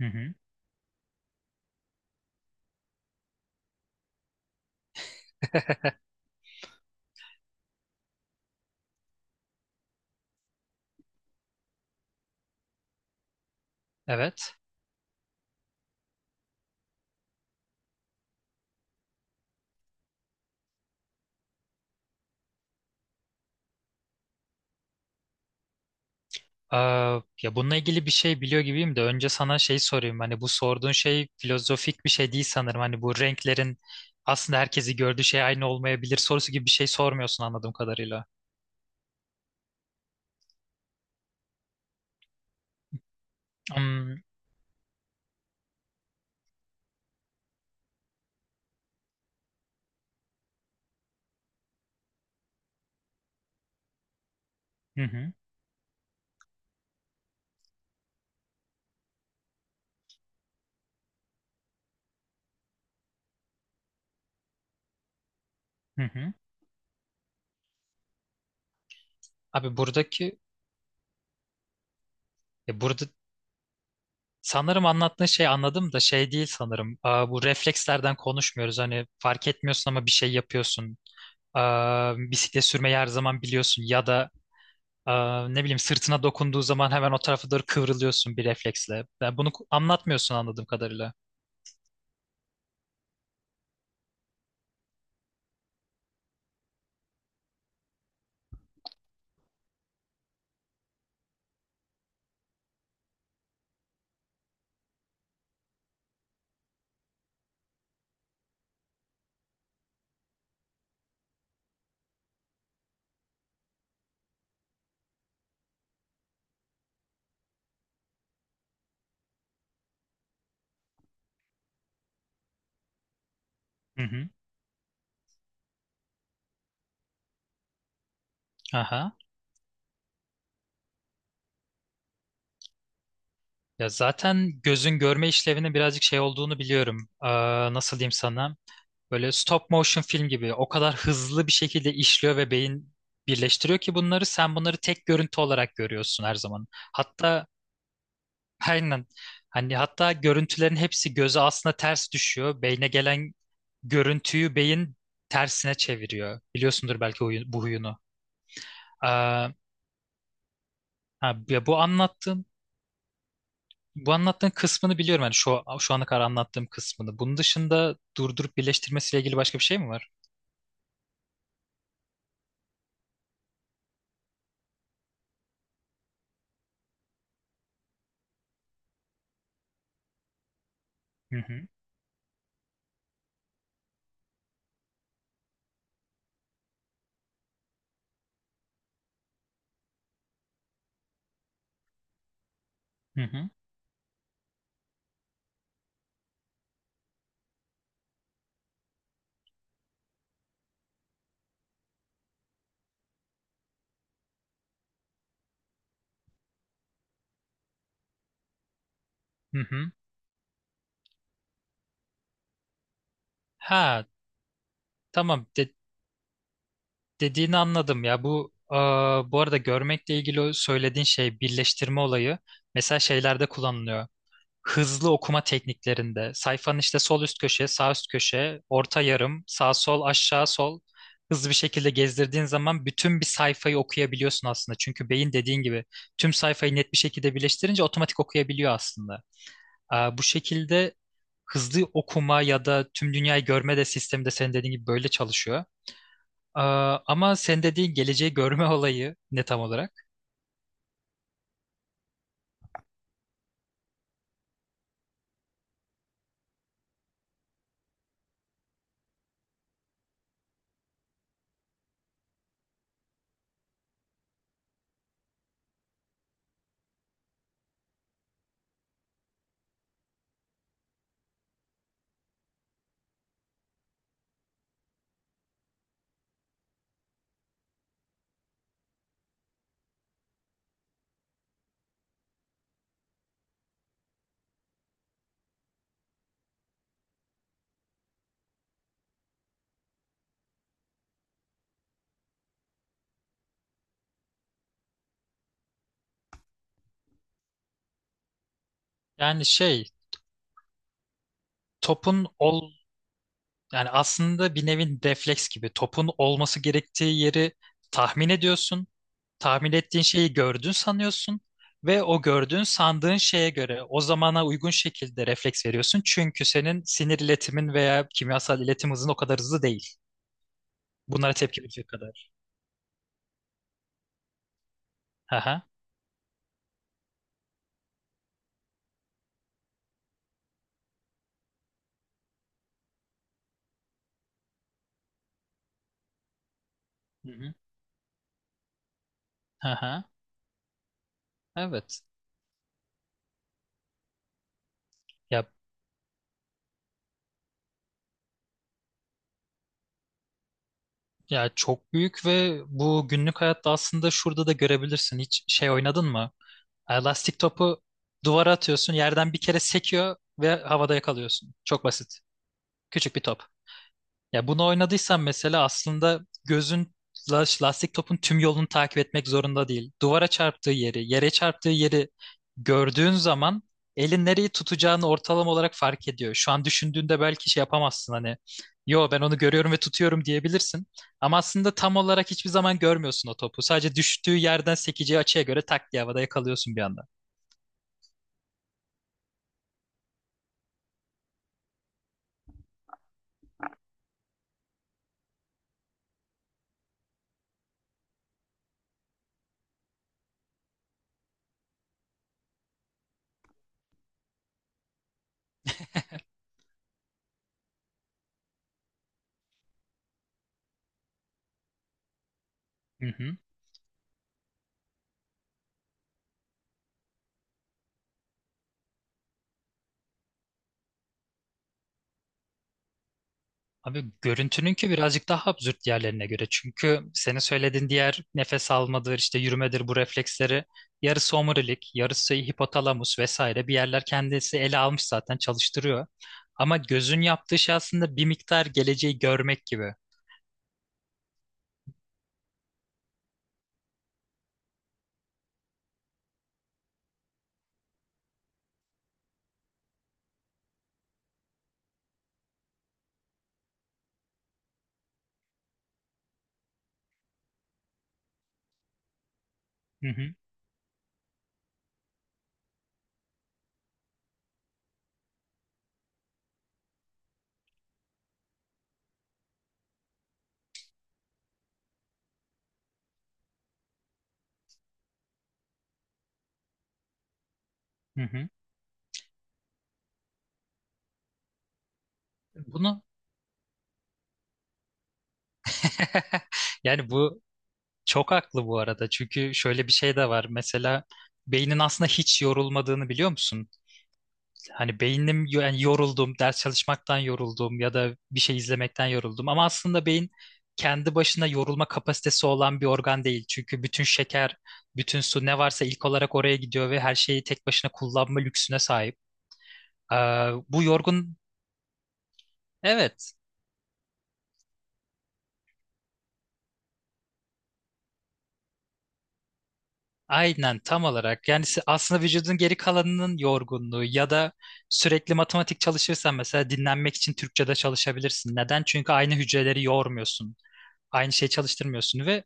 Hı hı. Evet. Ee, Ya bununla ilgili bir şey biliyor gibiyim de önce sana şey sorayım. Hani bu sorduğun şey filozofik bir şey değil sanırım. Hani bu renklerin aslında herkesi gördüğü şey aynı olmayabilir sorusu gibi bir şey sormuyorsun anladığım kadarıyla. Hmm. Hı hı. Hı hı. Abi buradaki Ya burada sanırım anlattığın şey anladım da şey değil sanırım. Bu reflekslerden konuşmuyoruz. Hani fark etmiyorsun ama bir şey yapıyorsun. Bisiklet sürmeyi her zaman biliyorsun ya da ne bileyim sırtına dokunduğu zaman hemen o tarafa doğru kıvrılıyorsun bir refleksle. Yani bunu anlatmıyorsun anladığım kadarıyla. Hı hı. Aha. Ya zaten gözün görme işlevinin birazcık şey olduğunu biliyorum. Nasıl diyeyim sana? Böyle stop motion film gibi o kadar hızlı bir şekilde işliyor ve beyin birleştiriyor ki bunları sen bunları tek görüntü olarak görüyorsun her zaman. Hatta Aynen. Hani hatta görüntülerin hepsi göze aslında ters düşüyor. Beyne gelen görüntüyü beyin tersine çeviriyor. Biliyorsundur belki bu huyunu. Ee, ha, ya bu anlattığın kısmını biliyorum. Yani şu şu ana kadar anlattığım kısmını. Bunun dışında durdurup birleştirmesiyle ilgili başka bir şey mi var? Hı hı. Hı hı. Hı hı. Ha, tamam. Dediğini anladım ya bu bu arada görmekle ilgili o söylediğin şey birleştirme olayı mesela şeylerde kullanılıyor. Hızlı okuma tekniklerinde sayfanın işte sol üst köşe, sağ üst köşe, orta yarım, sağ sol, aşağı sol hızlı bir şekilde gezdirdiğin zaman bütün bir sayfayı okuyabiliyorsun aslında. Çünkü beyin dediğin gibi tüm sayfayı net bir şekilde birleştirince otomatik okuyabiliyor aslında. Bu şekilde hızlı okuma ya da tüm dünyayı görme de sistemi de senin dediğin gibi böyle çalışıyor. Ama sen dediğin geleceği görme olayı ne tam olarak? Yani şey topun ol Yani aslında bir nevi refleks gibi topun olması gerektiği yeri tahmin ediyorsun. Tahmin ettiğin şeyi gördün sanıyorsun ve o gördüğün sandığın şeye göre o zamana uygun şekilde refleks veriyorsun. Çünkü senin sinir iletimin veya kimyasal iletim hızın o kadar hızlı değil. Bunlara tepki verecek kadar. Hı hı. Hı hı. Hı hı. Evet. Ya Ya çok büyük ve bu günlük hayatta aslında şurada da görebilirsin. Hiç şey oynadın mı? Elastik topu duvara atıyorsun, yerden bir kere sekiyor ve havada yakalıyorsun. Çok basit. Küçük bir top. Ya bunu oynadıysan mesela aslında gözün lastik topun tüm yolunu takip etmek zorunda değil. Duvara çarptığı yeri, yere çarptığı yeri gördüğün zaman elin nereyi tutacağını ortalama olarak fark ediyor. Şu an düşündüğünde belki şey yapamazsın hani. Yo, ben onu görüyorum ve tutuyorum diyebilirsin. Ama aslında tam olarak hiçbir zaman görmüyorsun o topu. Sadece düştüğü yerden sekeceği açıya göre tak diye havada yakalıyorsun bir anda. Abi görüntününki birazcık daha absürt yerlerine göre. Çünkü senin söylediğin diğer nefes almadır, işte yürümedir bu refleksleri yarısı omurilik, yarısı hipotalamus vesaire bir yerler kendisi ele almış zaten çalıştırıyor. Ama gözün yaptığı şey aslında bir miktar geleceği görmek gibi. Hı hı, hı hı. Bunu yani bu çok haklı bu arada. Çünkü şöyle bir şey de var. Mesela beynin aslında hiç yorulmadığını biliyor musun? Hani beynim yani yoruldum, ders çalışmaktan yoruldum ya da bir şey izlemekten yoruldum. Ama aslında beyin kendi başına yorulma kapasitesi olan bir organ değil. Çünkü bütün şeker, bütün su ne varsa ilk olarak oraya gidiyor ve her şeyi tek başına kullanma lüksüne sahip. Ee, bu yorgun, evet, aynen tam olarak. Yani aslında vücudun geri kalanının yorgunluğu ya da sürekli matematik çalışırsan mesela dinlenmek için Türkçe'de çalışabilirsin. Neden? Çünkü aynı hücreleri yormuyorsun. Aynı şey çalıştırmıyorsun ve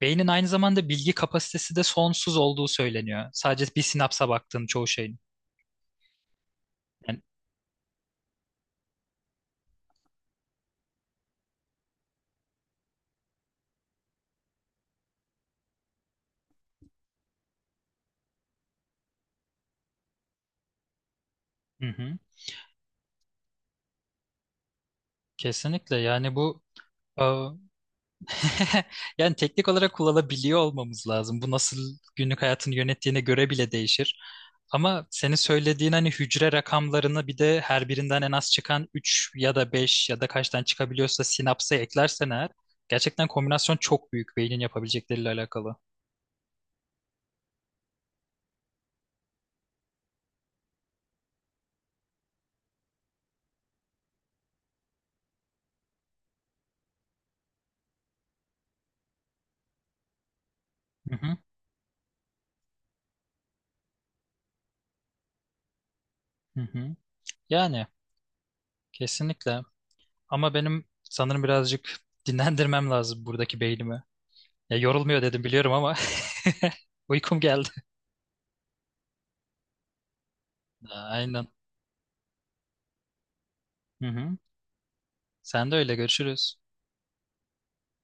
beynin aynı zamanda bilgi kapasitesi de sonsuz olduğu söyleniyor. Sadece bir sinapsa baktığın çoğu şeyin. Yani, hı hı, kesinlikle yani e, yani teknik olarak kullanabiliyor olmamız lazım. Bu nasıl günlük hayatını yönettiğine göre bile değişir. Ama senin söylediğin hani hücre rakamlarını bir de her birinden en az çıkan 3 ya da 5 ya da kaçtan çıkabiliyorsa sinapsa eklersen eğer gerçekten kombinasyon çok büyük beynin yapabilecekleriyle alakalı. Hı hı, hı hı. Yani Kesinlikle. Ama benim sanırım birazcık dinlendirmem lazım buradaki beynimi. Ya yorulmuyor dedim biliyorum ama uykum geldi. Aynen. Hı hı. Sen de öyle, görüşürüz.